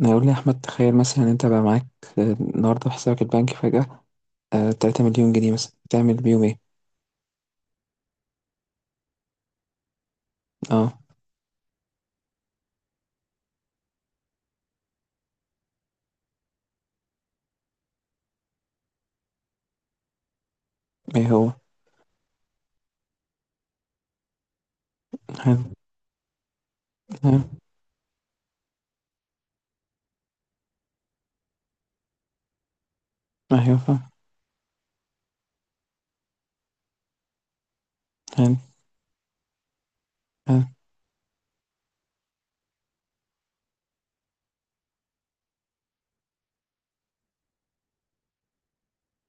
يقول لي يا أحمد، تخيل مثلا أنت بقى معاك النهاردة في حسابك البنكي فجأة 3 مليون جنيه مثلا، تعمل بيهم إيه؟ أه. إيه هو؟ حلو. حلو. أيوه، فاهم. حلو. حلو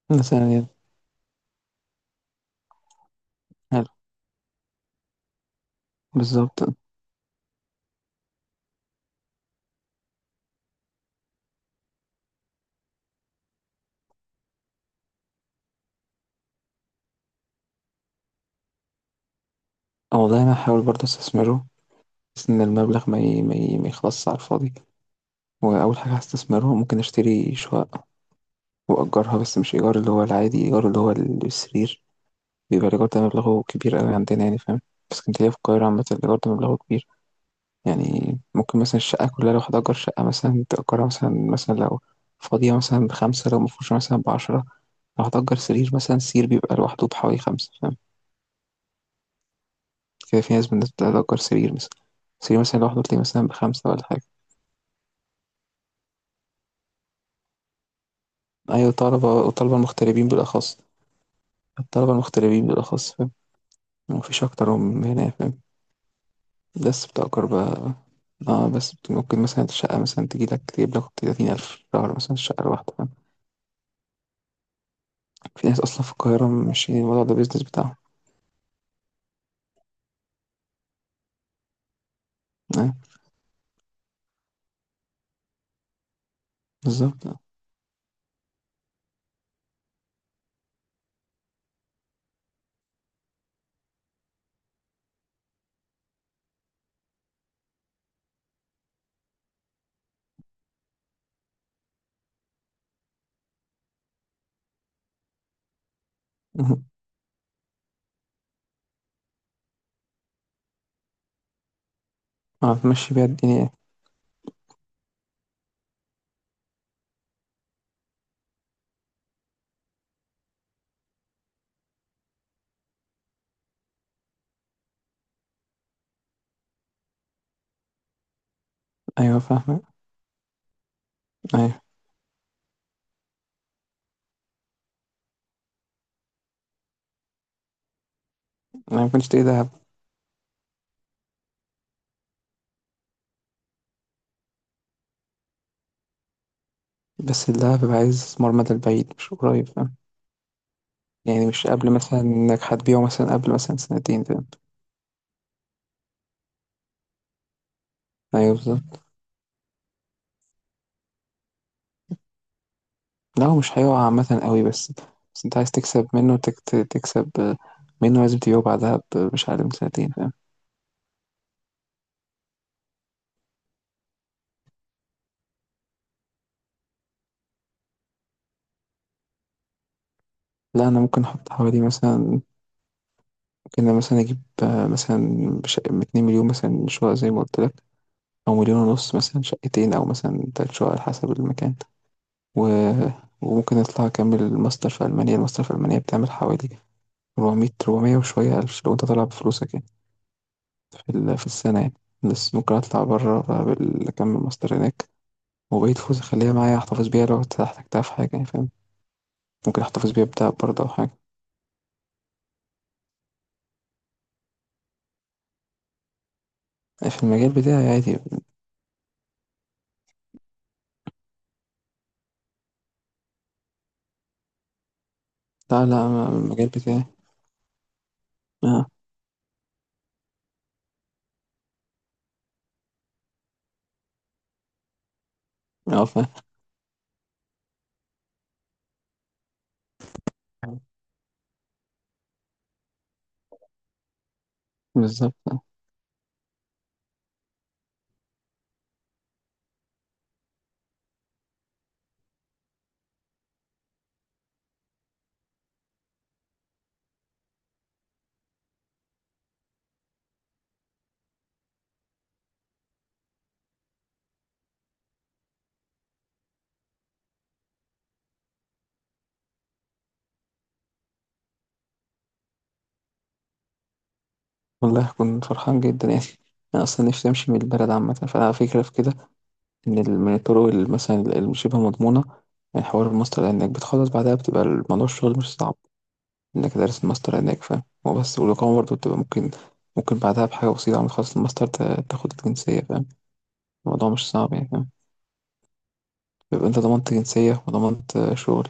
مثلا يعني. حلو. بالظبط أه. والله أنا هحاول برضه أستثمره، بس إن المبلغ ما يخلصش على الفاضي. وأول حاجة هستثمره، ممكن أشتري شقة وأجرها، بس مش إيجار اللي هو العادي، إيجار اللي هو السرير. بيبقى الإيجار ده مبلغه كبير أوي عندنا، يعني فاهم. بس كنت في اسكندرية، في القاهرة عامة الإيجار ده مبلغه كبير، يعني. ممكن مثلا الشقة كلها، لو هتأجر شقة مثلا تأجرها مثلا لو فاضية مثلا بخمسة، لو مفروشة مثلا بعشرة. لو هتأجر سرير مثلا، السرير بيبقى لوحده بحوالي خمسة، فاهم. كده في ناس، بالناس بتأجر سرير مثلا، سرير مثلا لوحده تلاقيه مثلا بخمسة ولا حاجة. أيوة، طلبة، وطلبة المغتربين بالأخص. الطلبة المغتربين بالأخص، فاهم. مفيش أكتر من هنا، فاهم. بس بتأجر بقى، اه، بس ممكن مثلا الشقة مثلا تجي لك، تجيب لك 30,000 شهر مثلا الشقة الواحدة، فاهم. في ناس أصلا في القاهرة ماشيين الموضوع ده بيزنس بتاعهم. بالضبط آه. اهم. تمشّي بيها الدنيا. أيوه، فاهمك. أيوه. أنا ما كنتش تلاقي دهب. بس الدهب بيبقى عايز استثمار مدى البعيد مش قريب، فاهم. يعني مش قبل مثلًا إنك هتبيعه مثلًا قبل مثلًا سنتين، فاهم. أيوه، بالضبط. لأ، هو مش هيقع عامةً أوي، بس أنت عايز تكسب منه، تك ت تكسب آه، منه لازم تبيعه بعدها ب مش أقل من سنتين، فاهم. لأ، أنا ممكن أحط حوالي مثلًا، ممكن أنا مثلًا أجيب مثلًا ب2.000.000 مثلًا شقق زي ما قُلت لك، أو 1.500.000 مثلًا شقتين، أو مثلًا 3 شقق على حسب المكان. و- وممكن اطلع اكمل الماستر في المانيا. الماستر في المانيا بتعمل حوالي 400 وشويه الف لو انت طالع بفلوسك، يعني في في السنه، يعني. بس ممكن اطلع بره بقى اكمل ماستر هناك، وبقيت فلوس اخليها معايا، احتفظ بيها لو احتجتها في حاجه، يعني فاهم. ممكن احتفظ بيها بتاع برضه او حاجه. في المجال بتاعي عادي. لا، لا، أنا المجال بتاعي. اه. اه، فاهم. بالظبط. والله كنت فرحان جدا، يعني. انا اصلا نفسي امشي من البلد عامه، فانا فكره في كده من الطرق مثلا المشابهة مضمونة. يعني حوار الماستر، لأنك بتخلص بعدها بتبقى الموضوع، الشغل مش صعب. إنك دارس الماستر لأنك فاهم هو بس. والإقامة برضه بتبقى ممكن بعدها بحاجة بسيطة، عم تخلص الماستر تاخد الجنسية، فاهم. الموضوع مش صعب، يعني فاهم. يبقى أنت ضمنت جنسية، وضمنت شغل.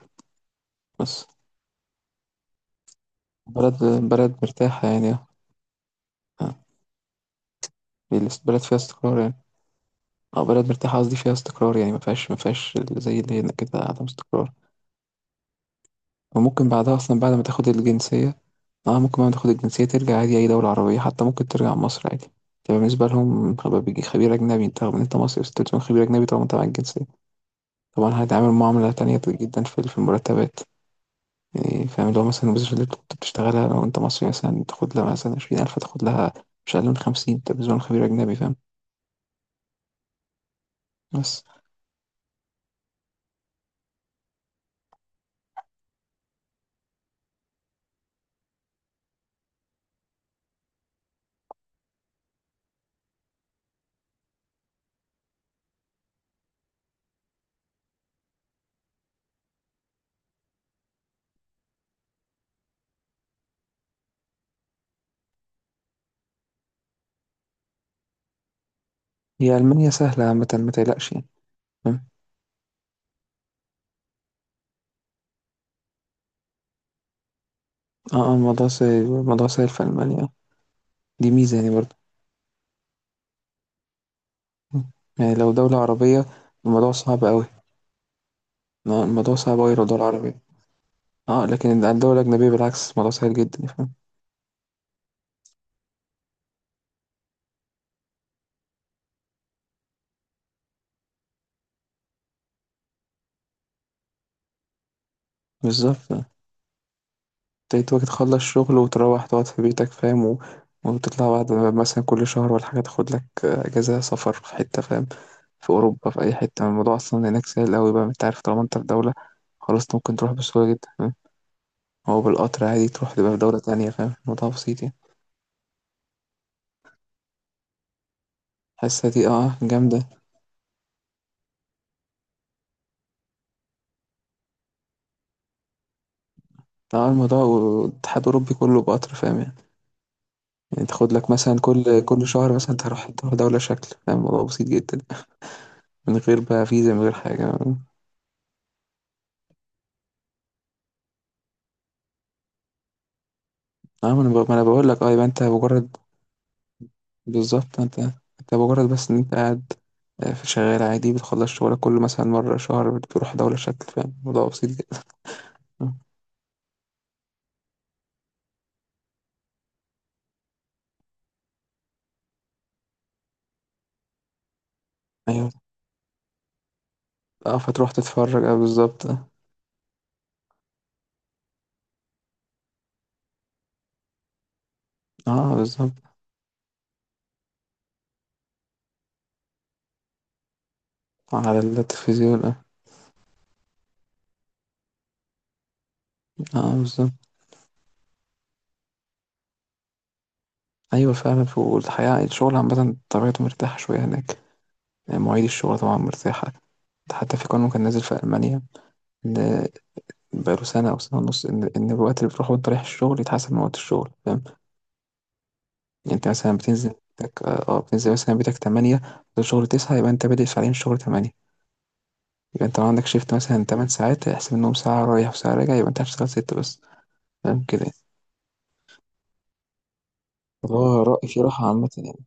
بس بلد بلد مرتاحة، يعني. آه، بلد فيها استقرار، يعني. أو بلد مرتاحة، قصدي فيها استقرار، يعني ما فيهاش، ما فيهاش زي اللي هنا كده عدم استقرار. وممكن بعدها أصلا بعد ما تاخد الجنسية، اه ممكن بعد ما تاخد الجنسية ترجع عادي أي دولة عربية، حتى ممكن ترجع مصر عادي. تبقى بالنسبة لهم بيجي خبير أجنبي. أنت رغم إن أنت مصري، بس تكون خبير أجنبي، طبعا أنت معاك الجنسية. طبعا هيتعامل معاملة تانية جدا، في المرتبات، يعني فاهم. لو مثلا الوظيفة اللي كنت بتشتغلها لو أنت مصري مثلا تاخد لها مثلا 20,000، تاخد لها مش أقل من خمسين. أنت بالنسبة لهم خبير أجنبي، فاهم. بس هي ألمانيا سهلة عامة، ما تقلقش، يعني. فاهم؟ اه، اه، الموضوع سهل، الموضوع سهل في ألمانيا. دي ميزة يعني لو دولة عربية الموضوع صعب أوي. الموضوع صعب أوي لو دولة عربية. اه، لكن الدولة الأجنبية بالعكس، الموضوع سهل جدا، يعني فاهم. بالظبط. انت ممكن تخلص شغل وتروح تقعد في بيتك، فاهم. و... وتطلع بعد مثلا كل شهر ولا حاجة، تاخد لك أجازة سفر في حتة، فاهم. في أوروبا، في أي حتة الموضوع أصلا هناك سهل أوي بقى، انت عارف طالما انت في دولة، خلاص انت ممكن تروح بسهولة جدا، فاهم. هو بالقطر عادي تروح تبقى في دولة تانية، فاهم. الموضوع بسيط يعني. حاسة دي جامدة. اه، الموضوع الاتحاد الأوروبي كله بقطر، فاهم يعني؟ يعني تاخد لك مثلا كل شهر مثلا تروح دولة شكل، فاهم. الموضوع بسيط جدا، من غير بقى فيزا، من غير حاجة. اه، ما انا بقول لك. اه يبقى انت مجرد. بالظبط. انت مجرد بس ان انت قاعد، في شغال عادي بتخلص شغلك كل مثلا مرة شهر بتروح دولة شكل، فاهم. الموضوع بسيط جدا. آه. ايوه، اه فتروح تتفرج. اه، بالظبط. اه. آه، بالظبط على التلفزيون. اه، اه، بالظبط. ايوه، فعلا. والحقيقة الشغل عامة طبيعته مرتاحة شوية هناك، يعني مواعيد الشغل طبعا مرتاحة. حتى في قانون كان نازل في ألمانيا، ان بقاله سنه او سنه ونص، ان الوقت اللي بتروحه وانت رايح الشغل يتحسب من وقت الشغل، فاهم. يعني انت مثلا بتنزل مثلا بيتك 8 الشغل 9، يبقى انت بادئ ساعتين، الشغل 8، يبقى انت لو عندك شيفت مثلا 8 ساعات، هيحسب انهم ساعه رايح وساعه راجع، يبقى انت هتشتغل 6 بس، فاهم كده، يعني. اللي هو رأي في راحة عامة، يعني.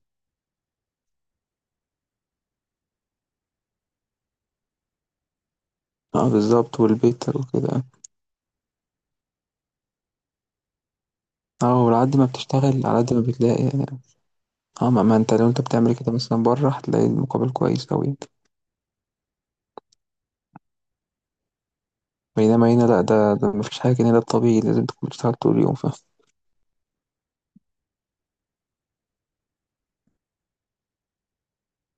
اه، بالظبط، والبيت وكده. اه وعلى قد ما بتشتغل على قد ما بتلاقي، يعني. اه، ما انت لو انت بتعمل كده مثلا بره هتلاقي المقابل كويس أوي، يعني. بينما هنا لأ، ده مفيش حاجة كده، ده الطبيعي لازم تكون بتشتغل طول اليوم